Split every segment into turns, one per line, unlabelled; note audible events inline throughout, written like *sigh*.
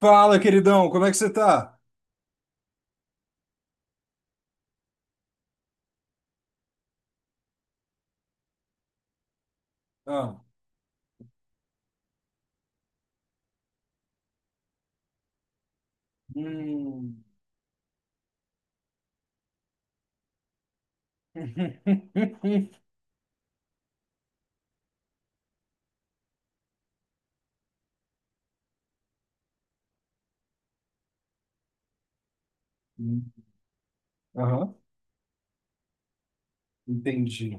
Fala, queridão, como é que você tá? Ah, hum. *laughs* Aham, entendi.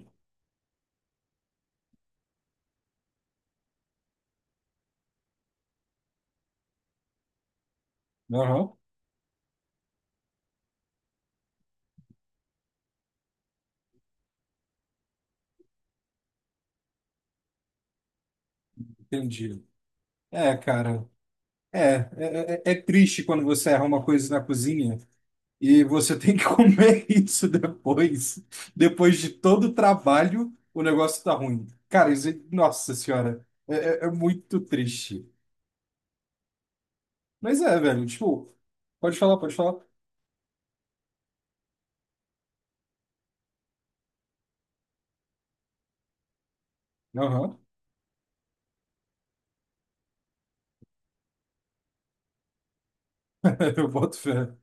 Aham, entendi. É, cara, é, é, é triste quando você erra uma coisa na cozinha e você tem que *laughs* comer isso depois. Depois de todo o trabalho, o negócio tá ruim. Cara, isso, nossa senhora, é muito triste. Mas é, velho, tipo, pode falar, pode falar. Aham, *laughs* eu boto fé.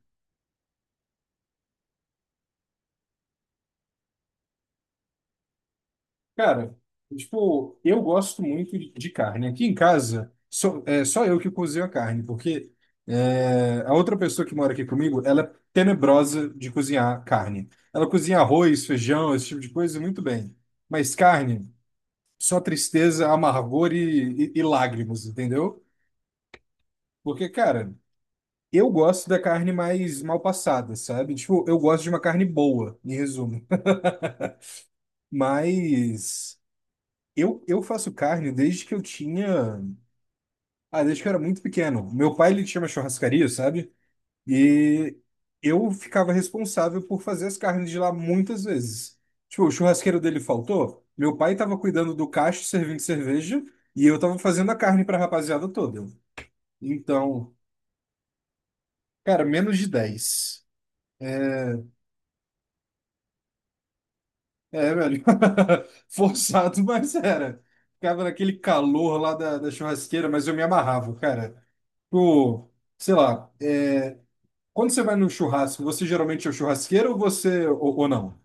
Cara, tipo, eu gosto muito de carne. Aqui em casa, só, é só eu que cozinho a carne, porque a outra pessoa que mora aqui comigo, ela é tenebrosa de cozinhar carne. Ela cozinha arroz, feijão, esse tipo de coisa muito bem. Mas carne, só tristeza, amargor e lágrimas, entendeu? Porque, cara, eu gosto da carne mais mal passada, sabe? Tipo, eu gosto de uma carne boa, em resumo. *laughs* Mas eu faço carne desde que eu tinha. Ah, desde que eu era muito pequeno. Meu pai, ele tinha uma churrascaria, sabe? E eu ficava responsável por fazer as carnes de lá muitas vezes. Tipo, o churrasqueiro dele faltou, meu pai tava cuidando do cacho, servindo cerveja, e eu tava fazendo a carne pra rapaziada toda. Então, cara, menos de 10. É, velho. *laughs* Forçado, mas era. Ficava naquele calor lá da churrasqueira, mas eu me amarrava, cara. Tipo, sei lá. Quando você vai no churrasco, você geralmente é o churrasqueiro ou você ou não?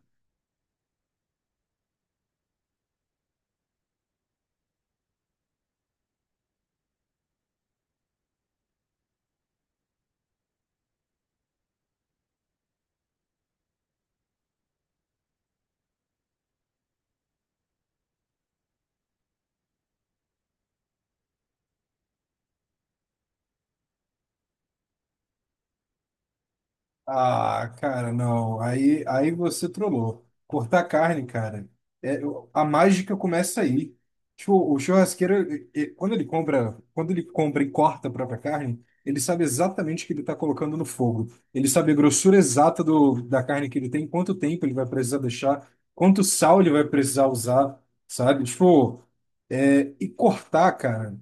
Ah, cara, não. Aí você trollou. Cortar carne, cara, a mágica começa aí. Tipo, o churrasqueiro, quando ele compra e corta a própria carne, ele sabe exatamente o que ele está colocando no fogo. Ele sabe a grossura exata da carne que ele tem, quanto tempo ele vai precisar deixar, quanto sal ele vai precisar usar, sabe? Tipo, e cortar, cara.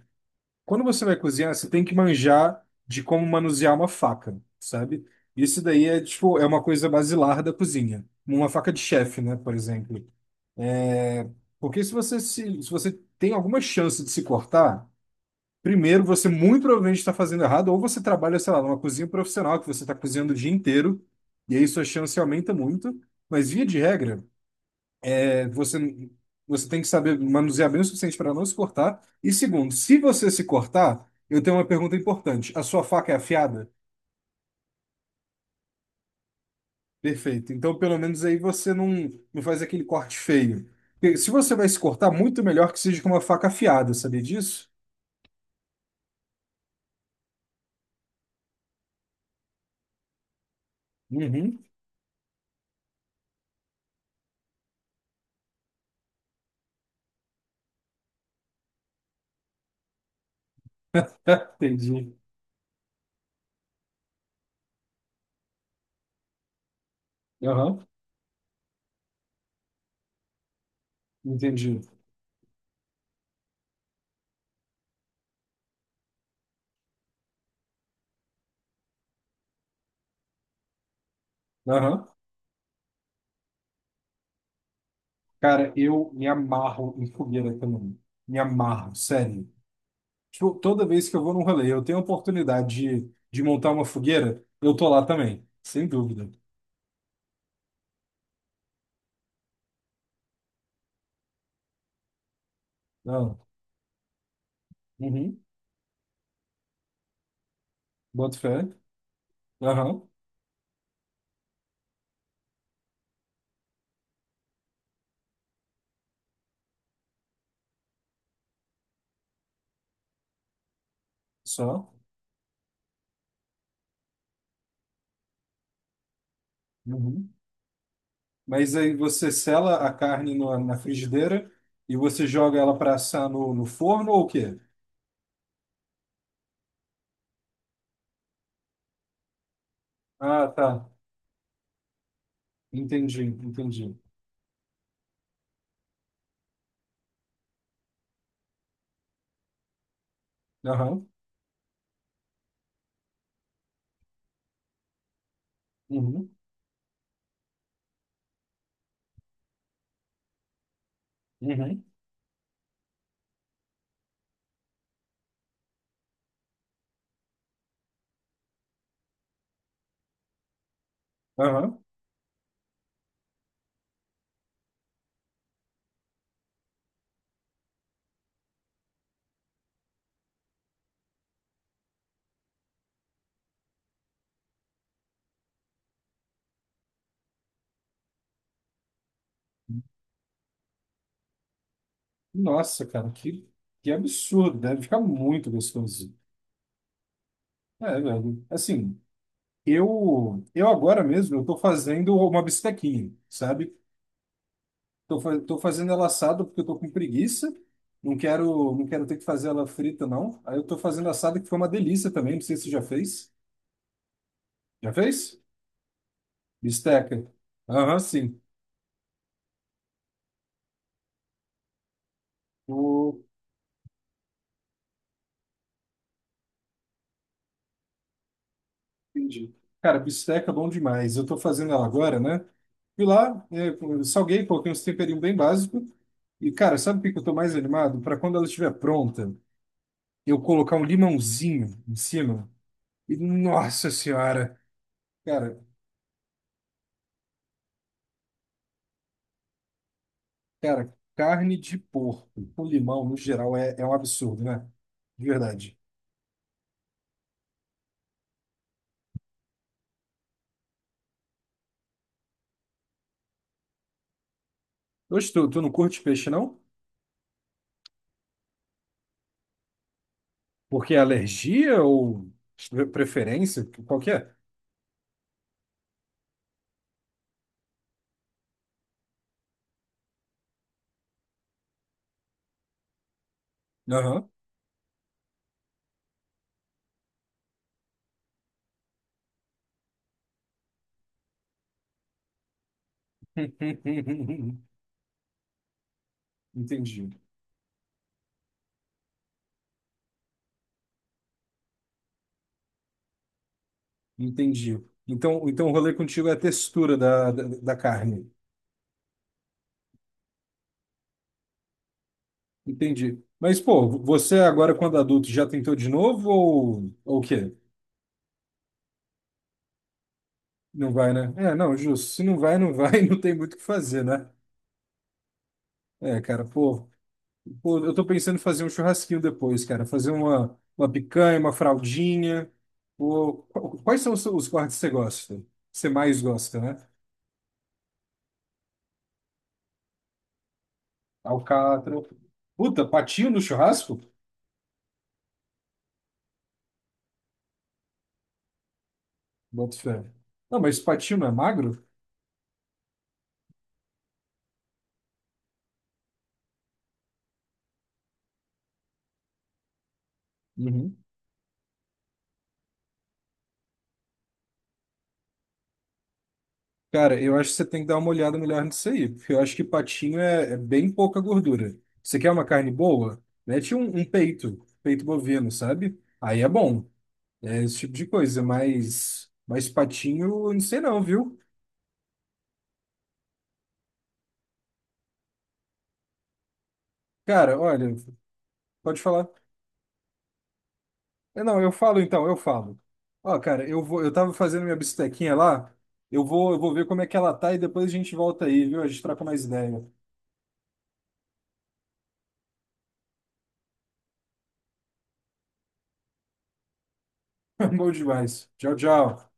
Quando você vai cozinhar, você tem que manjar de como manusear uma faca, sabe? Isso daí é, tipo, uma coisa basilar da cozinha. Uma faca de chefe, né, por exemplo. É, porque se você tem alguma chance de se cortar, primeiro você muito provavelmente está fazendo errado, ou você trabalha, sei lá, numa cozinha profissional que você está cozinhando o dia inteiro, e aí sua chance aumenta muito. Mas via de regra, você, você tem que saber manusear bem o suficiente para não se cortar. E segundo, se você se cortar, eu tenho uma pergunta importante. A sua faca é afiada? Perfeito. Então, pelo menos aí você não, não faz aquele corte feio. Porque se você vai se cortar, muito melhor que seja com uma faca afiada, sabia disso? Uhum. *laughs* Entendi. Aham. Entendi. Aham. Cara, eu me amarro em fogueira também. Me amarro, sério. Tipo, toda vez que eu vou num rolê, eu tenho a oportunidade de montar uma fogueira, eu tô lá também, sem dúvida. Não. Uhum. Boto fé. Aham. Só. Uhum. Mas aí você sela a carne na frigideira e você joga ela para assar no forno ou o quê? Ah, tá. Entendi, entendi. Aham. Uhum. Uhum. Aham. Nossa, cara, que absurdo. Deve ficar muito gostoso. É, velho. Assim. Eu agora mesmo, eu tô fazendo uma bistequinha, sabe? Tô fazendo ela assada porque eu tô com preguiça. Não quero, não quero ter que fazer ela frita, não. Aí eu tô fazendo assada que foi uma delícia também. Não sei se você já fez. Já fez? Bisteca. Aham, sim. O- Entendi. Cara, bisteca é bom demais. Eu tô fazendo ela agora, né? Fui lá, salguei, coloquei uns temperinhos bem básicos. E, cara, sabe o que que eu tô mais animado? Para quando ela estiver pronta, eu colocar um limãozinho em cima. E, nossa senhora, cara, cara, carne de porco com limão, no geral, é um absurdo, né? De verdade. Hoje tu não curte peixe, não? Porque é alergia ou preferência? Qual que é? Aham. *laughs* Entendi, entendi. Então, o rolê contigo é a textura da carne. Entendi. Mas, pô, você agora, quando adulto, já tentou de novo ou o quê? Não vai, né? É, não, justo. Se não vai, não vai, *laughs* não tem muito o que fazer, né? É, cara, pô, eu tô pensando em fazer um churrasquinho depois, cara. Fazer uma picanha, uma fraldinha. Pô, quais são os cortes que você gosta? Que você mais gosta, né? Alcatra. Puta, patinho no churrasco? Bota fé. Não, mas patinho não é magro? Uhum. Cara, eu acho que você tem que dar uma olhada melhor nisso aí, porque eu acho que patinho é bem pouca gordura. Você quer uma carne boa? Mete um peito, peito bovino, sabe? Aí é bom. É esse tipo de coisa, mas patinho, eu não sei não, viu? Cara, olha, pode falar. É, não, eu falo então, eu falo. Ó, cara, eu tava fazendo minha bistequinha lá, eu vou ver como é que ela tá e depois a gente volta aí, viu? A gente troca mais ideia. *laughs* Bom demais. Tchau, tchau.